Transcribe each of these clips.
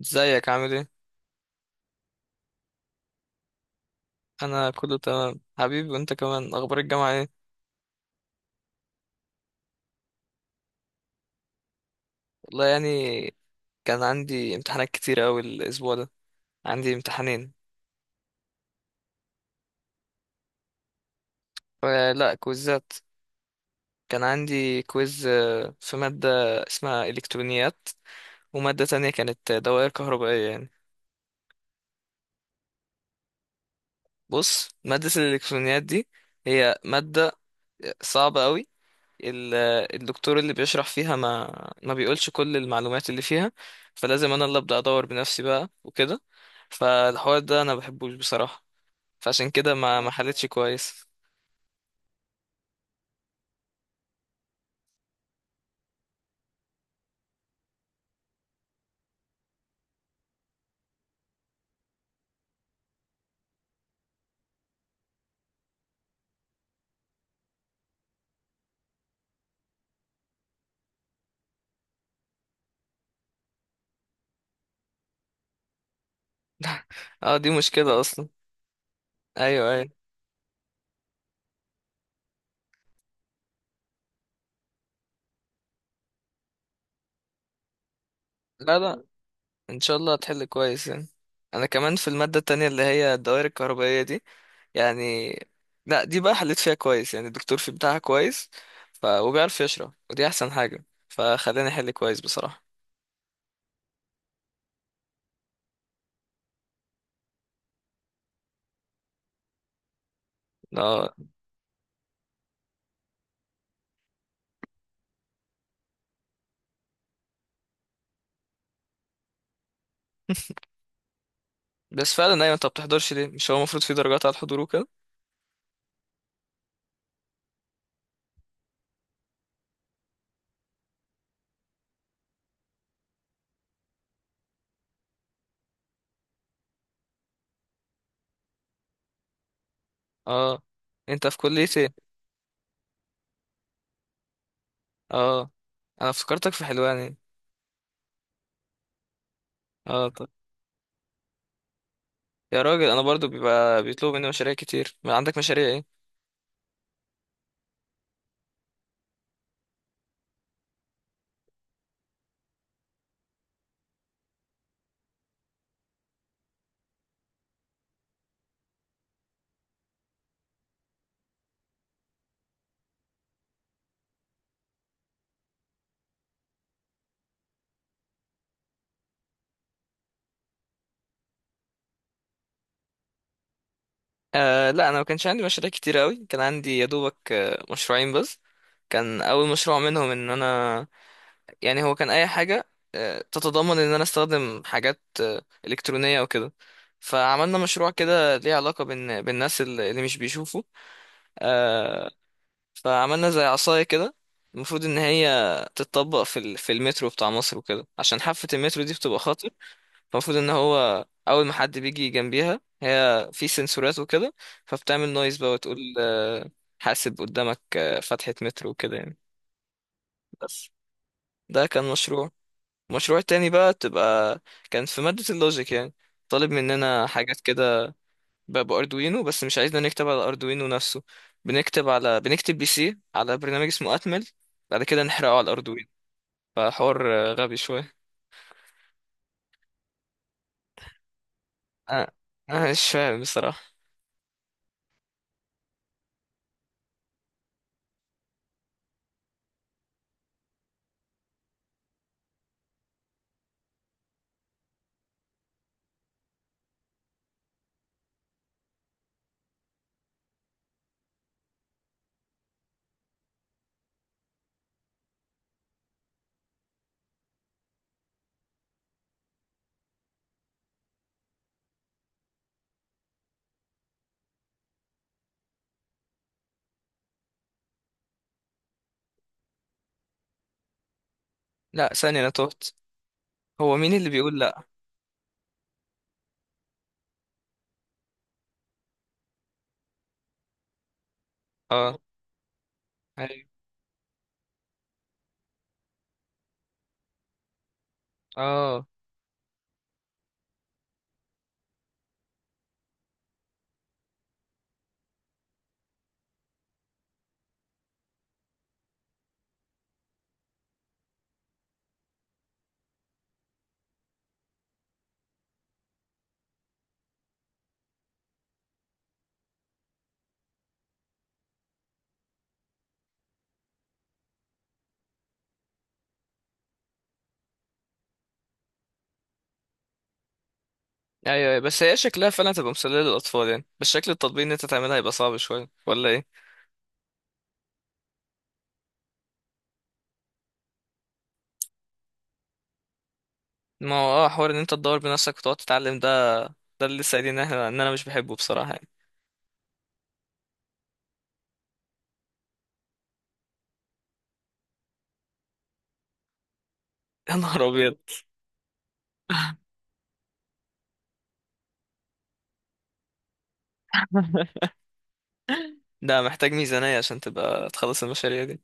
ازيك عامل ايه؟ انا كله تمام حبيبي، وانت كمان اخبار الجامعه ايه؟ والله يعني، كان عندي امتحانات كتير اوي الاسبوع ده. عندي امتحانين. آه، لا كويزات. كان عندي كويز في ماده اسمها الكترونيات، وماده تانية كانت دوائر كهربائيه يعني. بص، ماده الالكترونيات دي هي ماده صعبه أوي. ال- الدكتور اللي بيشرح فيها ما بيقولش كل المعلومات اللي فيها. فلازم انا اللي ابدا ادور بنفسي بقى وكده. فالحوار ده انا بحبوش بصراحة. فعشان كده ما حلتش كويس. اه، دي مشكلة اصلا. ايوه، ايوه. لا، لا، ان شاء الله هتحل كويس يعني. انا كمان في المادة التانية اللي هي الدوائر الكهربائية دي يعني. لا، دي بقى حليت فيها كويس يعني، الدكتور في بتاعها كويس. وبيعرف يشرح، ودي احسن حاجة فخلاني احل كويس بصراحة. اه، بس فعلا، ايوه انت ما بتحضرش ليه؟ مش هو المفروض في درجات على الحضور وكده. اه. انت في كلية ايه؟ اه، انا افتكرتك في حلوان. اه، طب. يا راجل، انا برضو بيبقى بيطلبوا مني مشاريع كتير، ما عندك مشاريع ايه؟ آه، لا، انا ما كانش عندي مشاريع كتير قوي. كان عندي يا دوبك مشروعين بس. كان اول مشروع منهم ان انا، يعني هو كان اي حاجه تتضمن ان انا استخدم حاجات الكترونيه وكده. فعملنا مشروع كده ليه علاقه بالناس اللي مش بيشوفوا. آه، فعملنا زي عصاية كده، المفروض ان هي تتطبق في المترو بتاع مصر وكده عشان حافة المترو دي بتبقى خطر. فالمفروض ان هو اول ما حد بيجي جنبيها، هي في سنسورات وكده، فبتعمل نويز بقى وتقول حاسب قدامك فتحة مترو وكده يعني. بس ده كان مشروع. المشروع التاني بقى تبقى كان في مادة اللوجيك، يعني طالب مننا حاجات كده. باردوينو، بس مش عايزنا نكتب على اردوينو نفسه. بنكتب بي سي على برنامج اسمه اتمل، بعد كده نحرقه على الاردوينو. فحوار غبي شويه. انا انا مش فاهم بصراحه. لا، ثانيه، انا تهت. هو مين اللي بيقول لا؟ اه. ايوه. اه، ايوه، أيوة، بس هي شكلها فعلا تبقى مسليه للاطفال يعني، بس شكل التطبيق ان انت تعملها هيبقى صعب شويه ولا ايه؟ ما هو اه، حوار ان انت تدور بنفسك وتقعد تتعلم ده، ده اللي لسه قايلين ان ان انا مش بحبه بصراحه يعني. يا نهار ابيض. ده محتاج ميزانية عشان تبقى تخلص المشاريع دي.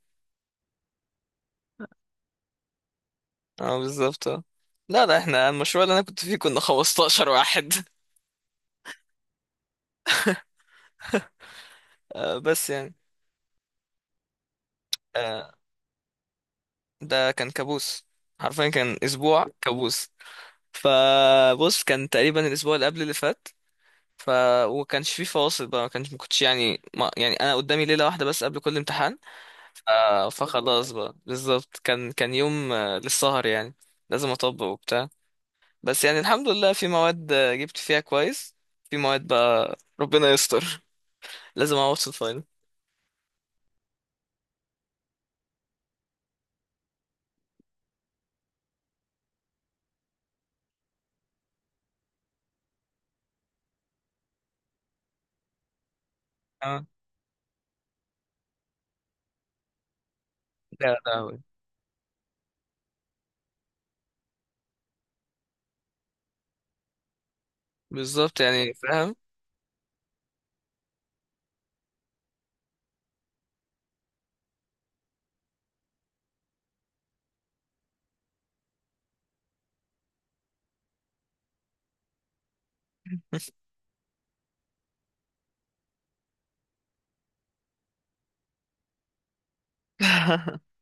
اه، بالظبط، اه. لا، لا، احنا المشروع اللي انا كنت فيه كنا 15 واحد. بس يعني. آه ده كان كابوس، حرفيا كان اسبوع كابوس. فبص، كان تقريبا الاسبوع اللي قبل اللي فات. ف وكانش فيه فواصل بقى. ما كنتش، يعني ما يعني انا قدامي ليله واحده بس قبل كل امتحان. فخلاص بقى، بالظبط كان يوم للسهر يعني. لازم اطبق وبتاع. بس يعني الحمد لله، في مواد جبت فيها كويس، في مواد بقى ربنا يستر. لازم اعوض في الفاينل. اه، لا، لا، هو. بالظبط يعني، فاهم.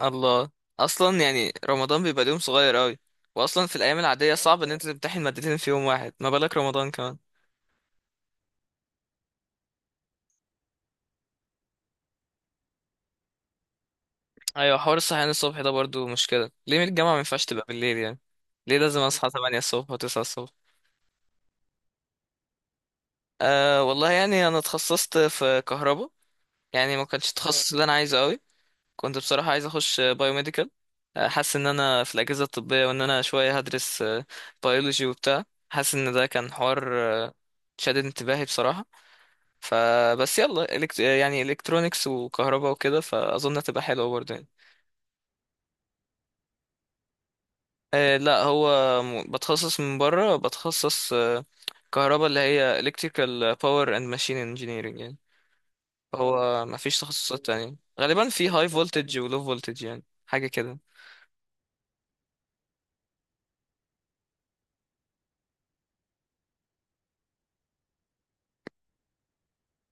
الله. اصلا يعني رمضان بيبقى اليوم صغير قوي، واصلا في الايام العاديه صعب ان انت تمتحن مادتين في يوم واحد، ما بالك رمضان كمان. ايوه، حوار الصحيان الصبح ده برضو مشكله. ليه من الجامعه ما ينفعش تبقى بالليل يعني؟ ليه لازم اصحى 8 الصبح و9 الصبح؟ والله يعني انا اتخصصت في كهرباء. يعني ما كانش التخصص اللي انا عايزه قوي. كنت بصراحة عايز أخش بايوميديكال. حاسس إن أنا في الأجهزة الطبية، وإن أنا شوية هدرس بيولوجي وبتاع. حاسس إن ده كان حوار آه، شادد انتباهي بصراحة. فبس يلا، يعني إلكترونيكس وكهرباء وكده، فأظن هتبقى حلوة برضه يعني. لا، هو بتخصص من بره، بتخصص كهرباء اللي هي Electrical Power and Machine Engineering يعني. هو مفيش تخصصات تانية غالبا، في High Voltage و Low Voltage، يعني حاجة كده.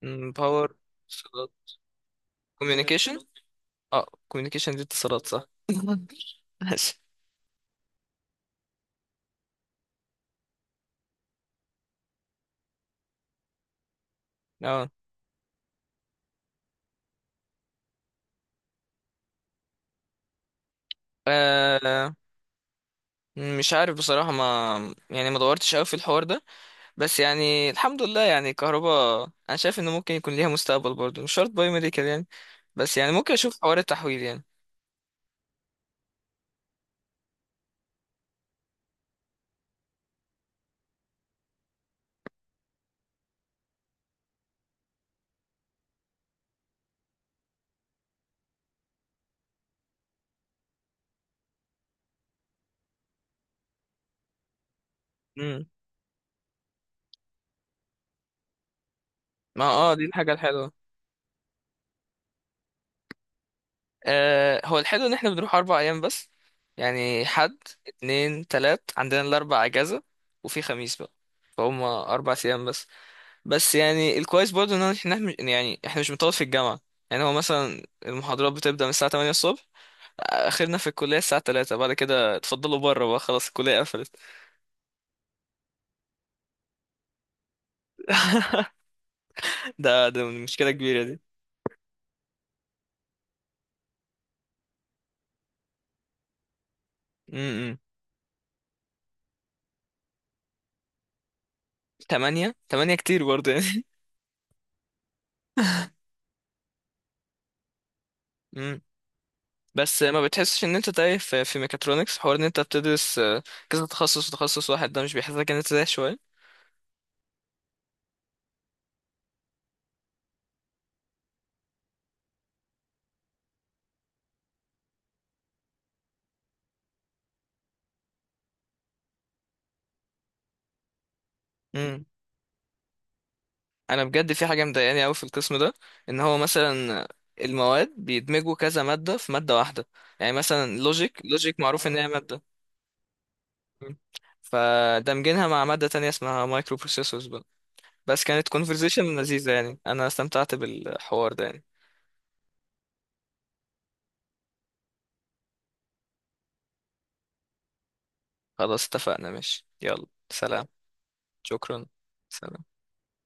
Power. كوميونيكيشن. اه، كوميونيكيشن دي اتصالات صح. ماشي. اه، آه، مش عارف بصراحة، ما يعني ما دورتش قوي في الحوار ده. بس يعني الحمد لله يعني، كهرباء انا شايف انه ممكن يكون ليها مستقبل برضه، مش شرط باي ميديكال يعني. بس يعني ممكن اشوف حوار التحويل يعني. امم. ما اه، دي الحاجة الحلوة. هو الحلو ان احنا بنروح 4 ايام بس. يعني حد اتنين تلات، عندنا الاربع اجازة، وفي خميس بقى، فهم 4 ايام بس. بس يعني الكويس برضه، ان احنا إحنا مش- يعني احنا مش بنطول في الجامعه. يعني هو مثلا المحاضرات بتبدا من الساعه 8 الصبح، اخرنا في الكليه الساعه 3، بعد كده اتفضلوا بره بقى، خلاص الكليه قفلت. ده، ده مشكله كبيره دي. امم. 8، 8 كتير برضه يعني. امم. بس ما بتحسش ان انت تايه، في ميكاترونكس، حوار ان انت بتدرس كذا تخصص، وتخصص واحد ده مش بيحسسك ان انت تايه شويه؟ انا بجد في حاجه مضايقاني قوي في القسم ده، ان هو مثلا المواد بيدمجوا كذا ماده في ماده واحده. يعني مثلا لوجيك معروف ان هي ماده. مم. فدمجينها مع ماده تانية اسمها مايكرو بروسيسورز بقى. بس كانت كونفرزيشن لذيذه يعني، انا استمتعت بالحوار ده يعني. خلاص، اتفقنا، ماشي، يلا سلام. شكرا. سلام.